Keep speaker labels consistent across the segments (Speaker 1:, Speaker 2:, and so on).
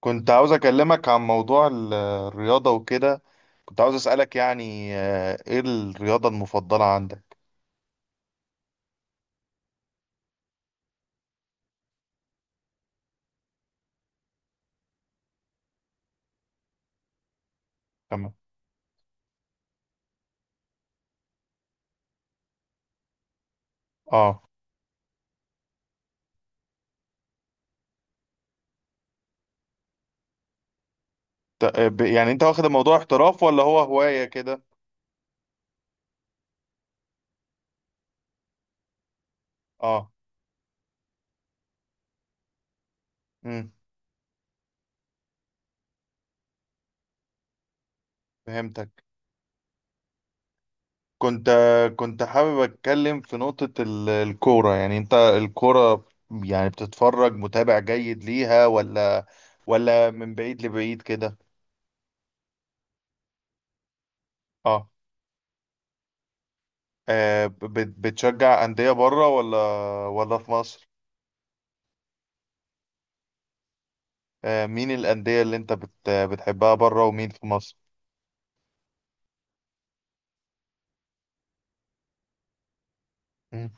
Speaker 1: كنت عاوز أكلمك عن موضوع الرياضة وكده. كنت عاوز أسألك، يعني إيه الرياضة المفضلة عندك؟ تمام. آه يعني أنت واخد الموضوع احتراف ولا هو هواية كده؟ آه. مم. فهمتك. كنت حابب أتكلم في نقطة الكورة. يعني أنت الكورة، يعني بتتفرج، متابع جيد ليها، ولا من بعيد لبعيد كده؟ آه. بتشجع أندية بره ولا في مصر؟ مين الأندية اللي أنت بتحبها بره، ومين في مصر؟ مم.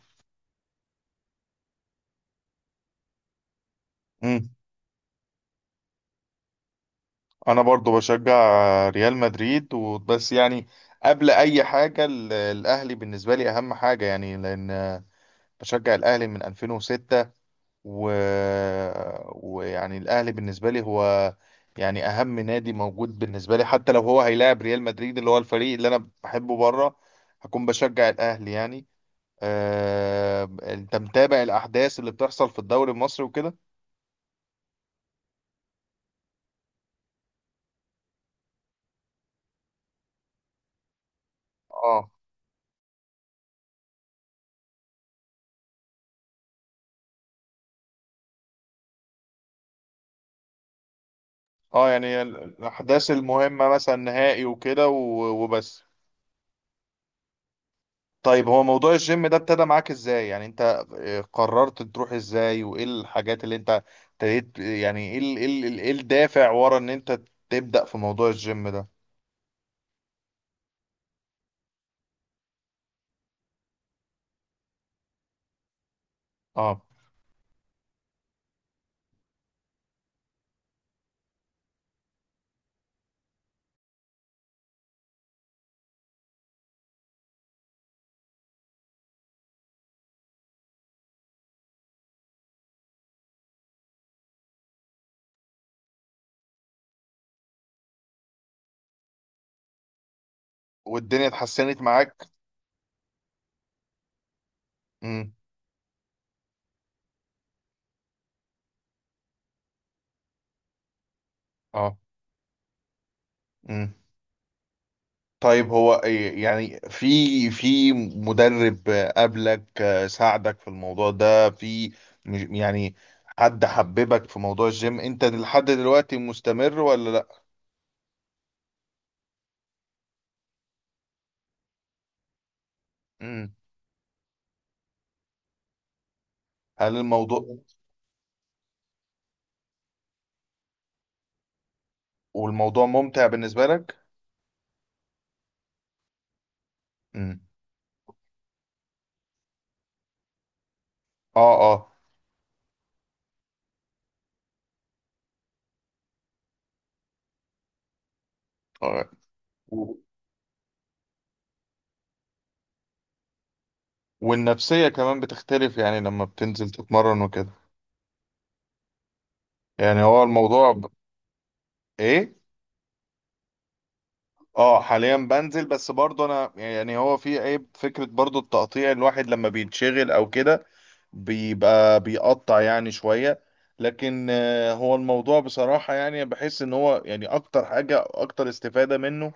Speaker 1: مم. أنا برضو بشجع ريال مدريد، وبس يعني. قبل أي حاجة، الأهلي بالنسبة لي أهم حاجة، يعني لأن بشجع الأهلي من 2006، و... ويعني الأهلي بالنسبة لي هو، يعني أهم نادي موجود بالنسبة لي. حتى لو هو هيلاعب ريال مدريد، اللي هو الفريق اللي أنا بحبه بره، هكون بشجع الأهلي يعني. أنت متابع الأحداث اللي بتحصل في الدوري المصري وكده؟ اه، اه. يعني الاحداث المهمه، مثلا نهائي وكده، وبس. طيب، هو موضوع الجيم ده ابتدى معاك ازاي؟ يعني انت، قررت تروح ازاي، وايه الحاجات اللي انت ابتديت؟ يعني ايه الدافع ورا ان انت تبدأ في موضوع الجيم ده؟ اه. والدنيا اتحسنت معاك؟ امم. اه. طيب، هو إيه، يعني في مدرب قبلك ساعدك في الموضوع ده؟ في، يعني حد حببك في موضوع الجيم؟ انت لحد دلوقتي مستمر ولا لا؟ مم. هل الموضوع، والموضوع ممتع بالنسبة لك؟ مم. اه، اه. آه. و- والنفسية كمان بتختلف، يعني لما بتنزل تتمرن وكده. يعني هو الموضوع ايه. اه، حاليا بنزل، بس برضه انا يعني هو في عيب، فكرة برضه التقطيع. الواحد لما بيتشغل او كده بيبقى بيقطع يعني شوية. لكن هو الموضوع بصراحة، يعني بحس ان هو، يعني اكتر حاجة اكتر استفادة منه،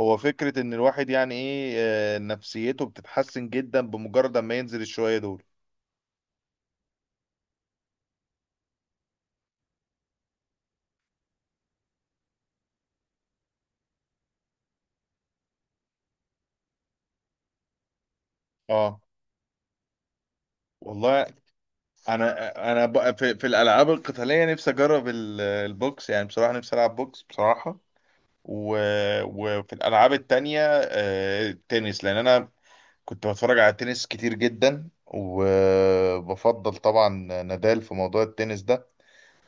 Speaker 1: هو فكرة ان الواحد، يعني ايه، نفسيته بتتحسن جدا بمجرد ما ينزل الشوية دول. اه. والله، انا بقى، في الالعاب القتالية نفسي اجرب البوكس يعني، بصراحة نفسي العب بوكس بصراحة. و... وفي الالعاب التانية، التنس. لان انا كنت بتفرج على التنس كتير جدا، وبفضل طبعا نادال في موضوع التنس ده،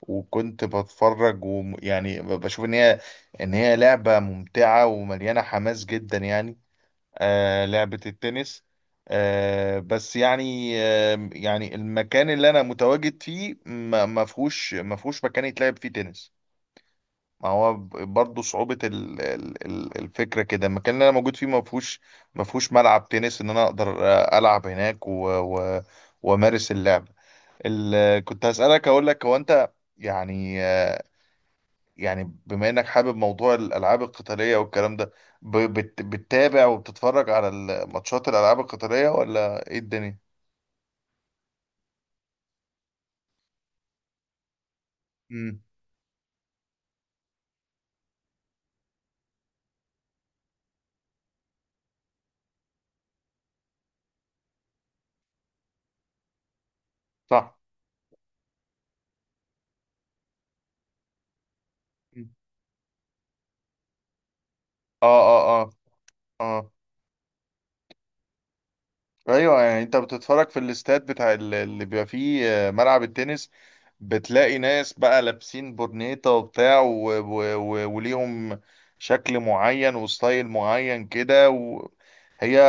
Speaker 1: وكنت بتفرج، ويعني بشوف ان هي لعبة ممتعة ومليانة حماس جدا يعني، لعبة التنس. بس يعني، يعني المكان اللي انا متواجد فيه، ما فيهوش مكان يتلعب فيه تنس. ما هو برضه صعوبة الفكرة كده. المكان اللي أنا موجود فيه ما فيهوش ملعب تنس إن أنا أقدر ألعب هناك وأمارس اللعب. كنت هسألك، أقول لك هو أنت يعني، يعني بما إنك حابب موضوع الألعاب القتالية والكلام ده، بتتابع وبتتفرج على الماتشات، الألعاب القتالية، ولا إيه الدنيا؟ امم. صح. مم. اه، اه، اه، اه. ايوه، يعني انت بتتفرج في الاستاد بتاع اللي بيبقى فيه ملعب التنس، بتلاقي ناس بقى لابسين برنيطة وبتاع، وليهم شكل معين وستايل معين كده، هي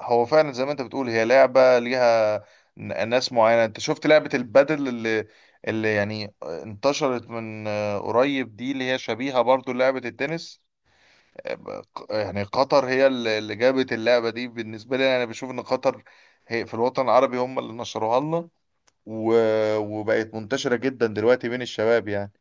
Speaker 1: هو فعلا زي ما انت بتقول، هي لعبة ليها ناس معينة. انت شفت لعبة البادل اللي يعني انتشرت من قريب دي، اللي هي شبيهة برضو لعبة التنس؟ يعني قطر هي اللي جابت اللعبة دي، بالنسبة لي أنا بشوف إن قطر هي في الوطن العربي هم اللي نشروها لنا، وبقت منتشرة جدا دلوقتي بين الشباب يعني.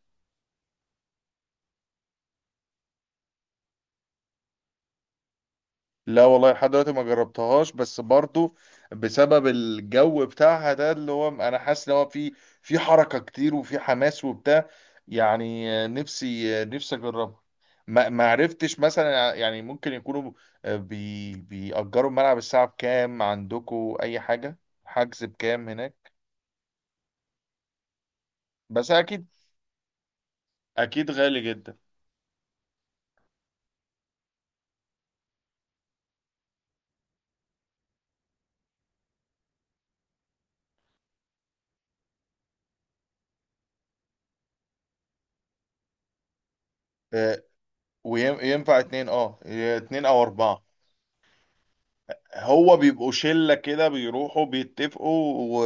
Speaker 1: لا والله، لحد دلوقتي ما جربتهاش، بس برضو بسبب الجو بتاعها ده اللي هو، انا حاسس ان هو في حركة كتير وفي حماس وبتاع، يعني نفسي نفسي اجربها. ما عرفتش مثلا، يعني ممكن يكونوا بيأجروا الملعب الساعة بكام عندكم، اي حاجة، حجز بكام هناك؟ بس اكيد، اكيد غالي جدا. آه، وينفع اتنين؟ اه اتنين او اربعة؟ هو بيبقوا شلة كده، بيروحوا بيتفقوا، و...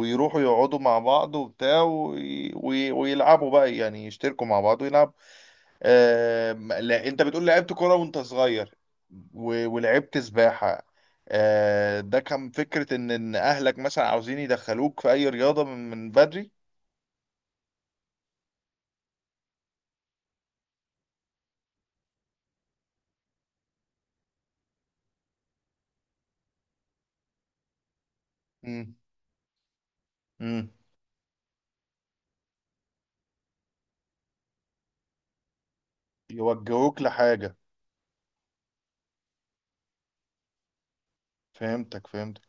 Speaker 1: ويروحوا يقعدوا مع بعض وبتاع، ويلعبوا بقى، يعني يشتركوا مع بعض ويلعبوا. لا، انت بتقول لعبت كرة وانت صغير ولعبت سباحة. ده كان فكرة إن اهلك مثلا عاوزين يدخلوك في اي رياضة من بدري؟ مم. مم. يوجهوك لحاجة. فهمتك، فهمتك.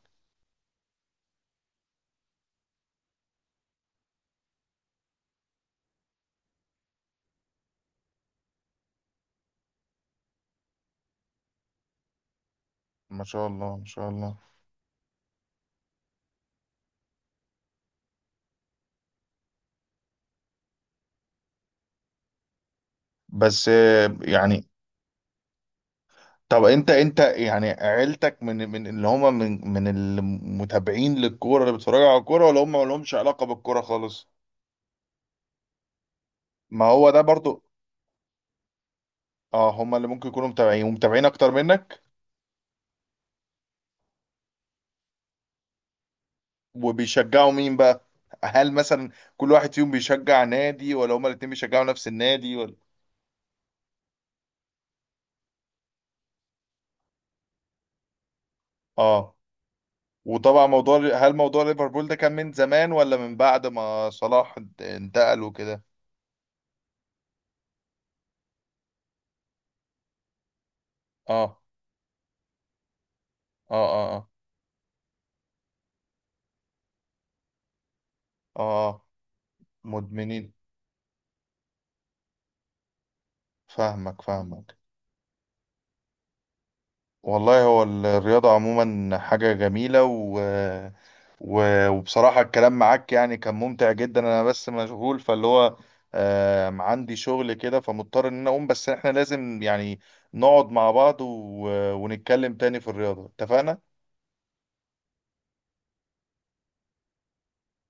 Speaker 1: ما شاء الله، ما شاء الله. بس يعني، طب انت يعني عيلتك من اللي هم، من المتابعين للكوره، اللي بيتفرجوا على الكوره، ولا هم ما لهمش علاقه بالكوره خالص؟ ما هو ده برضو. اه، هم اللي ممكن يكونوا متابعين، ومتابعين اكتر منك. وبيشجعوا مين بقى؟ هل مثلا كل واحد فيهم بيشجع نادي، ولا هم الاتنين بيشجعوا نفس النادي، ولا؟ اه. وطبعا موضوع ليفربول ده، كان من زمان ولا من بعد ما صلاح انتقل وكده؟ اه، اه، اه، اه. آه. مدمنين. فاهمك، فاهمك. والله، هو الرياضة عموما حاجة جميلة، وبصراحة الكلام معاك يعني كان ممتع جدا. أنا بس مشغول، فاللي هو عندي شغل كده، فمضطر إن أنا أقوم، بس إحنا لازم يعني نقعد مع بعض، ونتكلم تاني في الرياضة، اتفقنا؟